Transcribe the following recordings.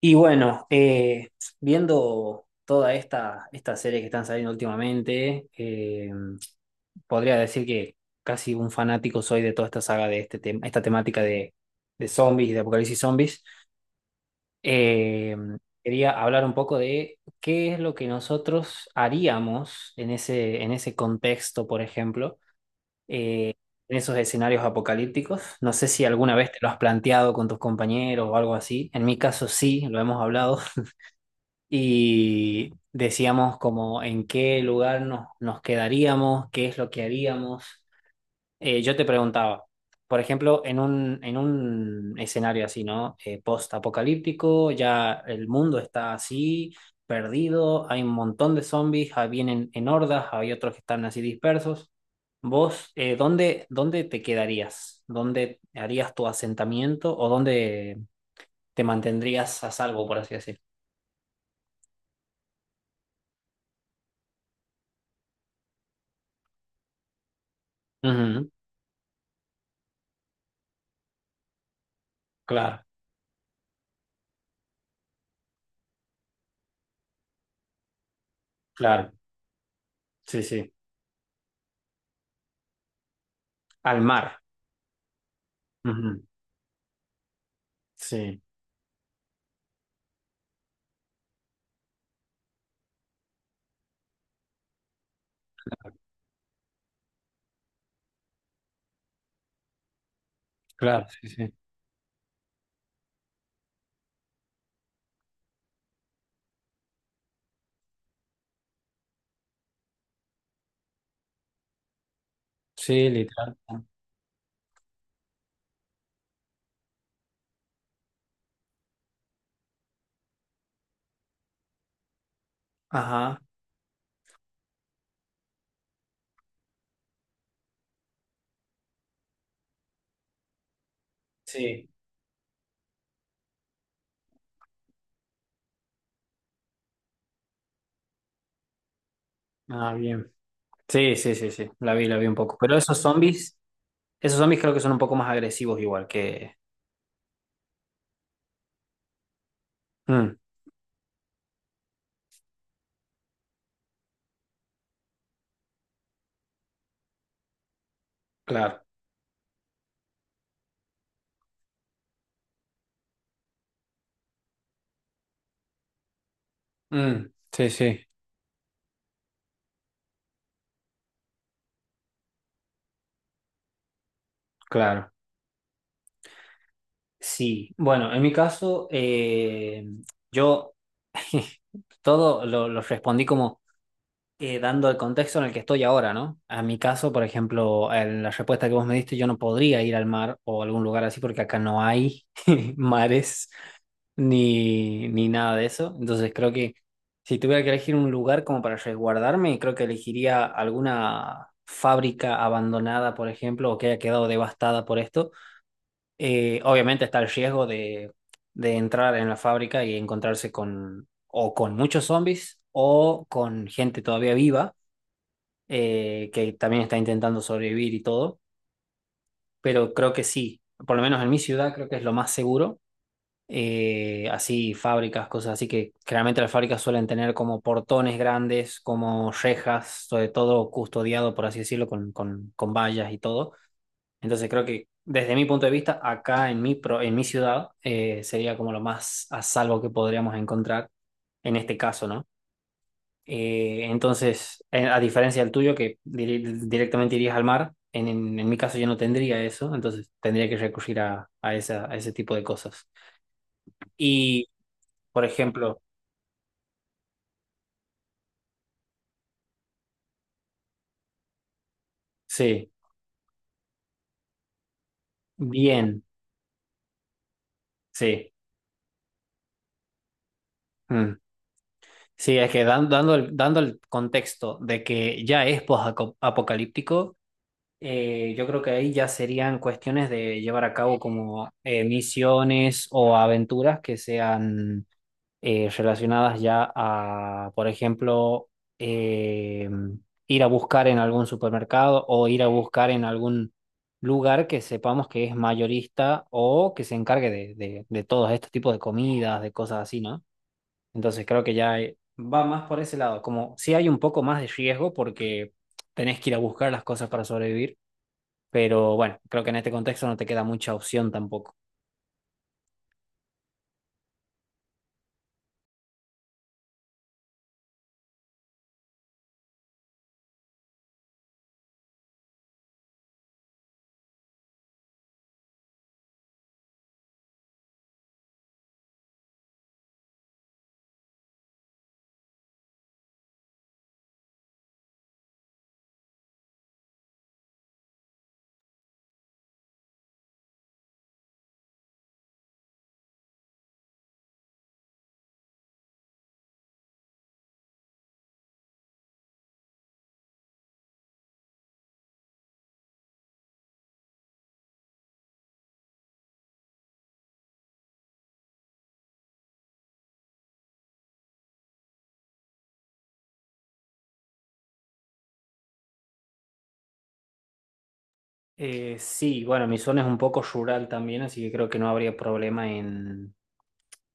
Y bueno, viendo toda esta serie que están saliendo últimamente, podría decir que casi un fanático soy de toda esta saga de este tema, esta temática de zombies y de apocalipsis zombies. Eh, quería hablar un poco de qué es lo que nosotros haríamos en ese contexto, por ejemplo, eh, en esos escenarios apocalípticos. No sé si alguna vez te lo has planteado con tus compañeros o algo así. En mi caso sí, lo hemos hablado y decíamos como en qué lugar nos quedaríamos, qué es lo que haríamos. Yo te preguntaba, por ejemplo, en un escenario así, ¿no? Post-apocalíptico, ya el mundo está así, perdido, hay un montón de zombies, ah, vienen en hordas, hay otros que están así dispersos. ¿Vos, dónde te quedarías? ¿Dónde harías tu asentamiento o dónde te mantendrías a salvo, por así decir? Ujú, claro, claro. Sí, sí. Al mar. Ujú. Sí, claro, sí, sí. Sí, literal. Ajá, sí. Ah, bien. Sí, sí, sí, sí. La vi un poco. Pero esos zombies creo que son un poco más agresivos igual que... Mm, claro. Mm, sí, sí, claro. Sí. Bueno, en mi caso, yo todo lo respondí como... dando el contexto en el que estoy ahora, ¿no? A mi caso, por ejemplo, en la respuesta que vos me diste, yo no podría ir al mar o a algún lugar así porque acá no hay mares ni nada de eso. Entonces creo que si tuviera que elegir un lugar como para resguardarme, creo que elegiría alguna fábrica abandonada, por ejemplo, o que haya quedado devastada por esto. Obviamente está el riesgo de entrar en la fábrica y encontrarse con o con muchos zombies o con gente todavía viva que también está intentando sobrevivir y todo, pero creo que sí, por lo menos en mi ciudad creo que es lo más seguro, así fábricas, cosas así que generalmente las fábricas suelen tener como portones grandes, como rejas, sobre todo custodiado, por así decirlo, con vallas y todo. Entonces creo que desde mi punto de vista, acá en mi, pro- en mi ciudad, sería como lo más a salvo que podríamos encontrar en este caso, ¿no? Entonces, a diferencia del tuyo, que dire- directamente irías al mar, en mi caso yo no tendría eso, entonces tendría que recurrir a esa, a ese tipo de cosas. Y, por ejemplo, sí, bien, sí. Mm. Sí, es que dan- dando el contexto de que ya es post-apocalíptico, yo creo que ahí ya serían cuestiones de llevar a cabo como misiones o aventuras que sean relacionadas ya a, por ejemplo, eh, ir a buscar en algún supermercado o ir a buscar en algún lugar que sepamos que es mayorista o que se encargue de todos estos tipos de comidas, de cosas así, ¿no? Entonces creo que ya va más por ese lado, como si hay un poco más de riesgo porque tenés que ir a buscar las cosas para sobrevivir, pero bueno, creo que en este contexto no te queda mucha opción tampoco. Sí, bueno, mi zona es un poco rural también, así que creo que no habría problema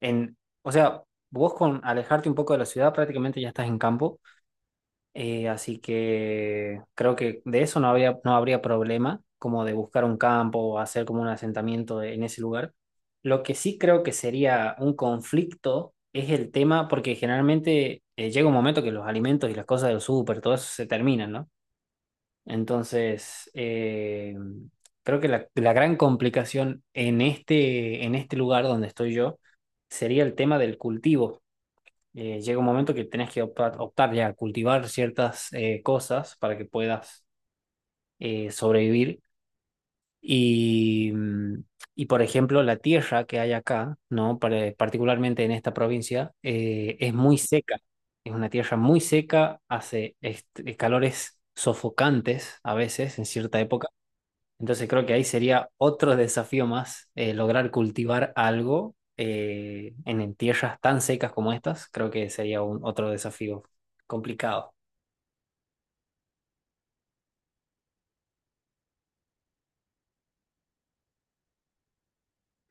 en, o sea, vos con alejarte un poco de la ciudad prácticamente ya estás en campo, así que creo que de eso no habría, no habría problema, como de buscar un campo o hacer como un asentamiento de- en ese lugar. Lo que sí creo que sería un conflicto es el tema, porque generalmente llega un momento que los alimentos y las cosas del súper, todo eso se terminan, ¿no? Entonces, creo que la gran complicación en este lugar donde estoy yo sería el tema del cultivo. Llega un momento que tenés que optar, optar ya a cultivar ciertas cosas para que puedas sobrevivir. Y, mm, y, por ejemplo, la tierra que hay acá, ¿no? Pare- particularmente en esta provincia, es muy seca. Es una tierra muy seca, hace est- calores sofocantes a veces en cierta época. Entonces creo que ahí sería otro desafío más, lograr cultivar algo en tierras tan secas como estas, creo que sería un, otro desafío complicado.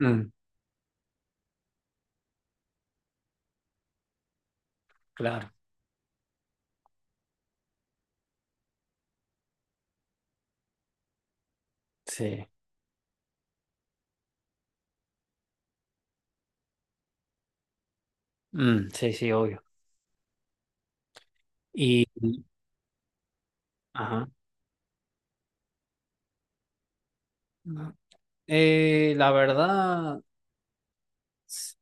Mm, claro, sí. Mm, sí, sí, obvio. Y, ajá. La verdad, s-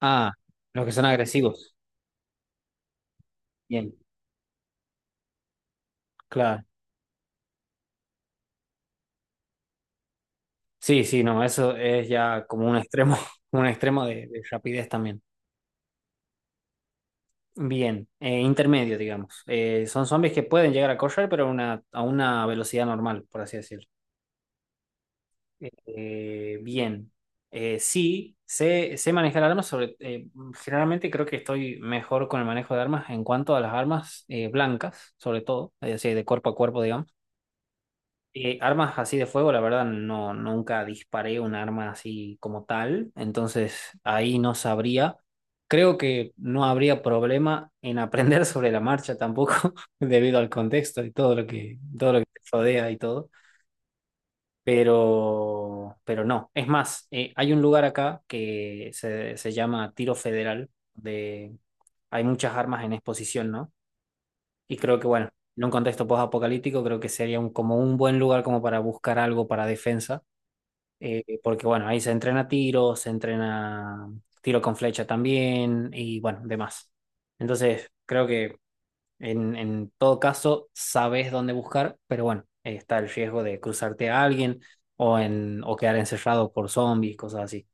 ah, los que son agresivos, bien, claro. Sí, sí, no, eso es ya como un extremo, un extremo de rapidez también. Bien, intermedio, digamos. Son zombies que pueden llegar a correr, pero a una velocidad normal, por así decirlo. Bien. Sí, sé, sé manejar armas, sobre, generalmente creo que estoy mejor con el manejo de armas en cuanto a las armas blancas, sobre todo, es decir, de cuerpo a cuerpo, digamos. Armas así de fuego, la verdad, no, nunca disparé un arma así como tal, entonces ahí no sabría. Creo que no habría problema en aprender sobre la marcha tampoco, debido al contexto y todo lo que te rodea y todo. Pero no. Es más, hay un lugar acá que se llama Tiro Federal, de, hay muchas armas en exposición, ¿no? Y creo que, bueno, en un contexto post-apocalíptico, creo que sería un, como un buen lugar como para buscar algo para defensa, porque, bueno, ahí se entrena tiro con flecha también y, bueno, demás. Entonces, creo que en todo caso sabes dónde buscar, pero bueno, está el riesgo de cruzarte a alguien o, en, o quedar encerrado por zombies, cosas así.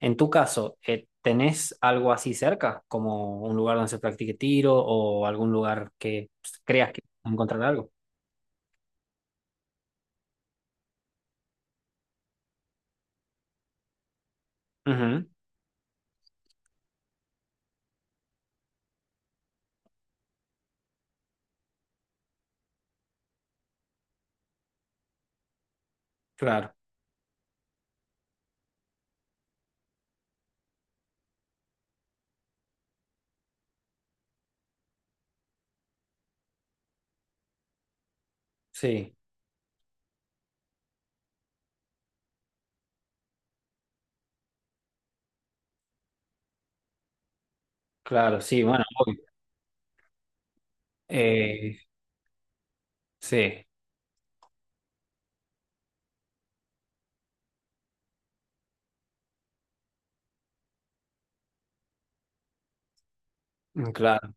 En tu caso, ¿tenés algo así cerca, como un lugar donde se practique tiro o algún lugar que pues, creas que vas a encontrar algo? Ujú. Claro, sí, claro, sí, bueno, obvio. Eh, sí, mm, claro,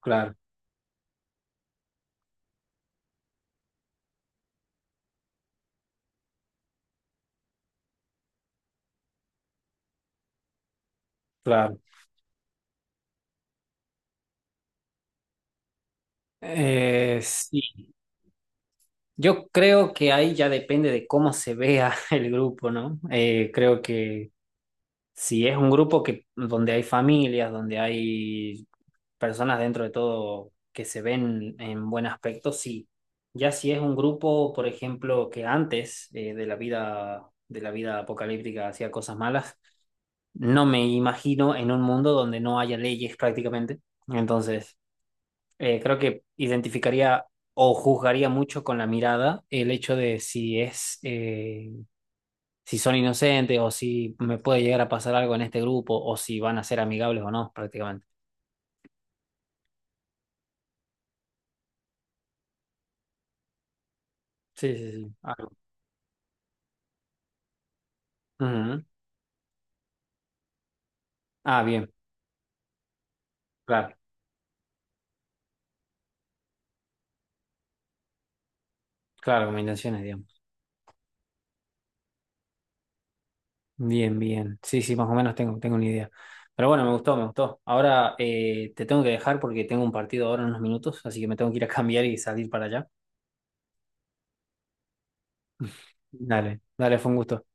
claro, claro. Sí, yo creo que ahí ya depende de cómo se vea el grupo, ¿no? Creo que si es un grupo que donde hay familias, donde hay personas dentro de todo que se ven en buen aspecto, sí. Ya si es un grupo, por ejemplo, que antes de la vida apocalíptica hacía cosas malas, no me imagino en un mundo donde no haya leyes prácticamente. Entonces, creo que identificaría o juzgaría mucho con la mirada el hecho de si es, si son inocentes o si me puede llegar a pasar algo en este grupo o si van a ser amigables o no, prácticamente. Sí, sí, sí. Ah, ujú. Ah, bien. Claro, claro, combinaciones, digamos. Bien, bien. Sí, sí, más o menos tengo, tengo una idea. Pero bueno, me gustó, me gustó. Ahora te tengo que dejar porque tengo un partido ahora en unos minutos, así que me tengo que ir a cambiar y salir para allá. Dale, dale, fue un gusto.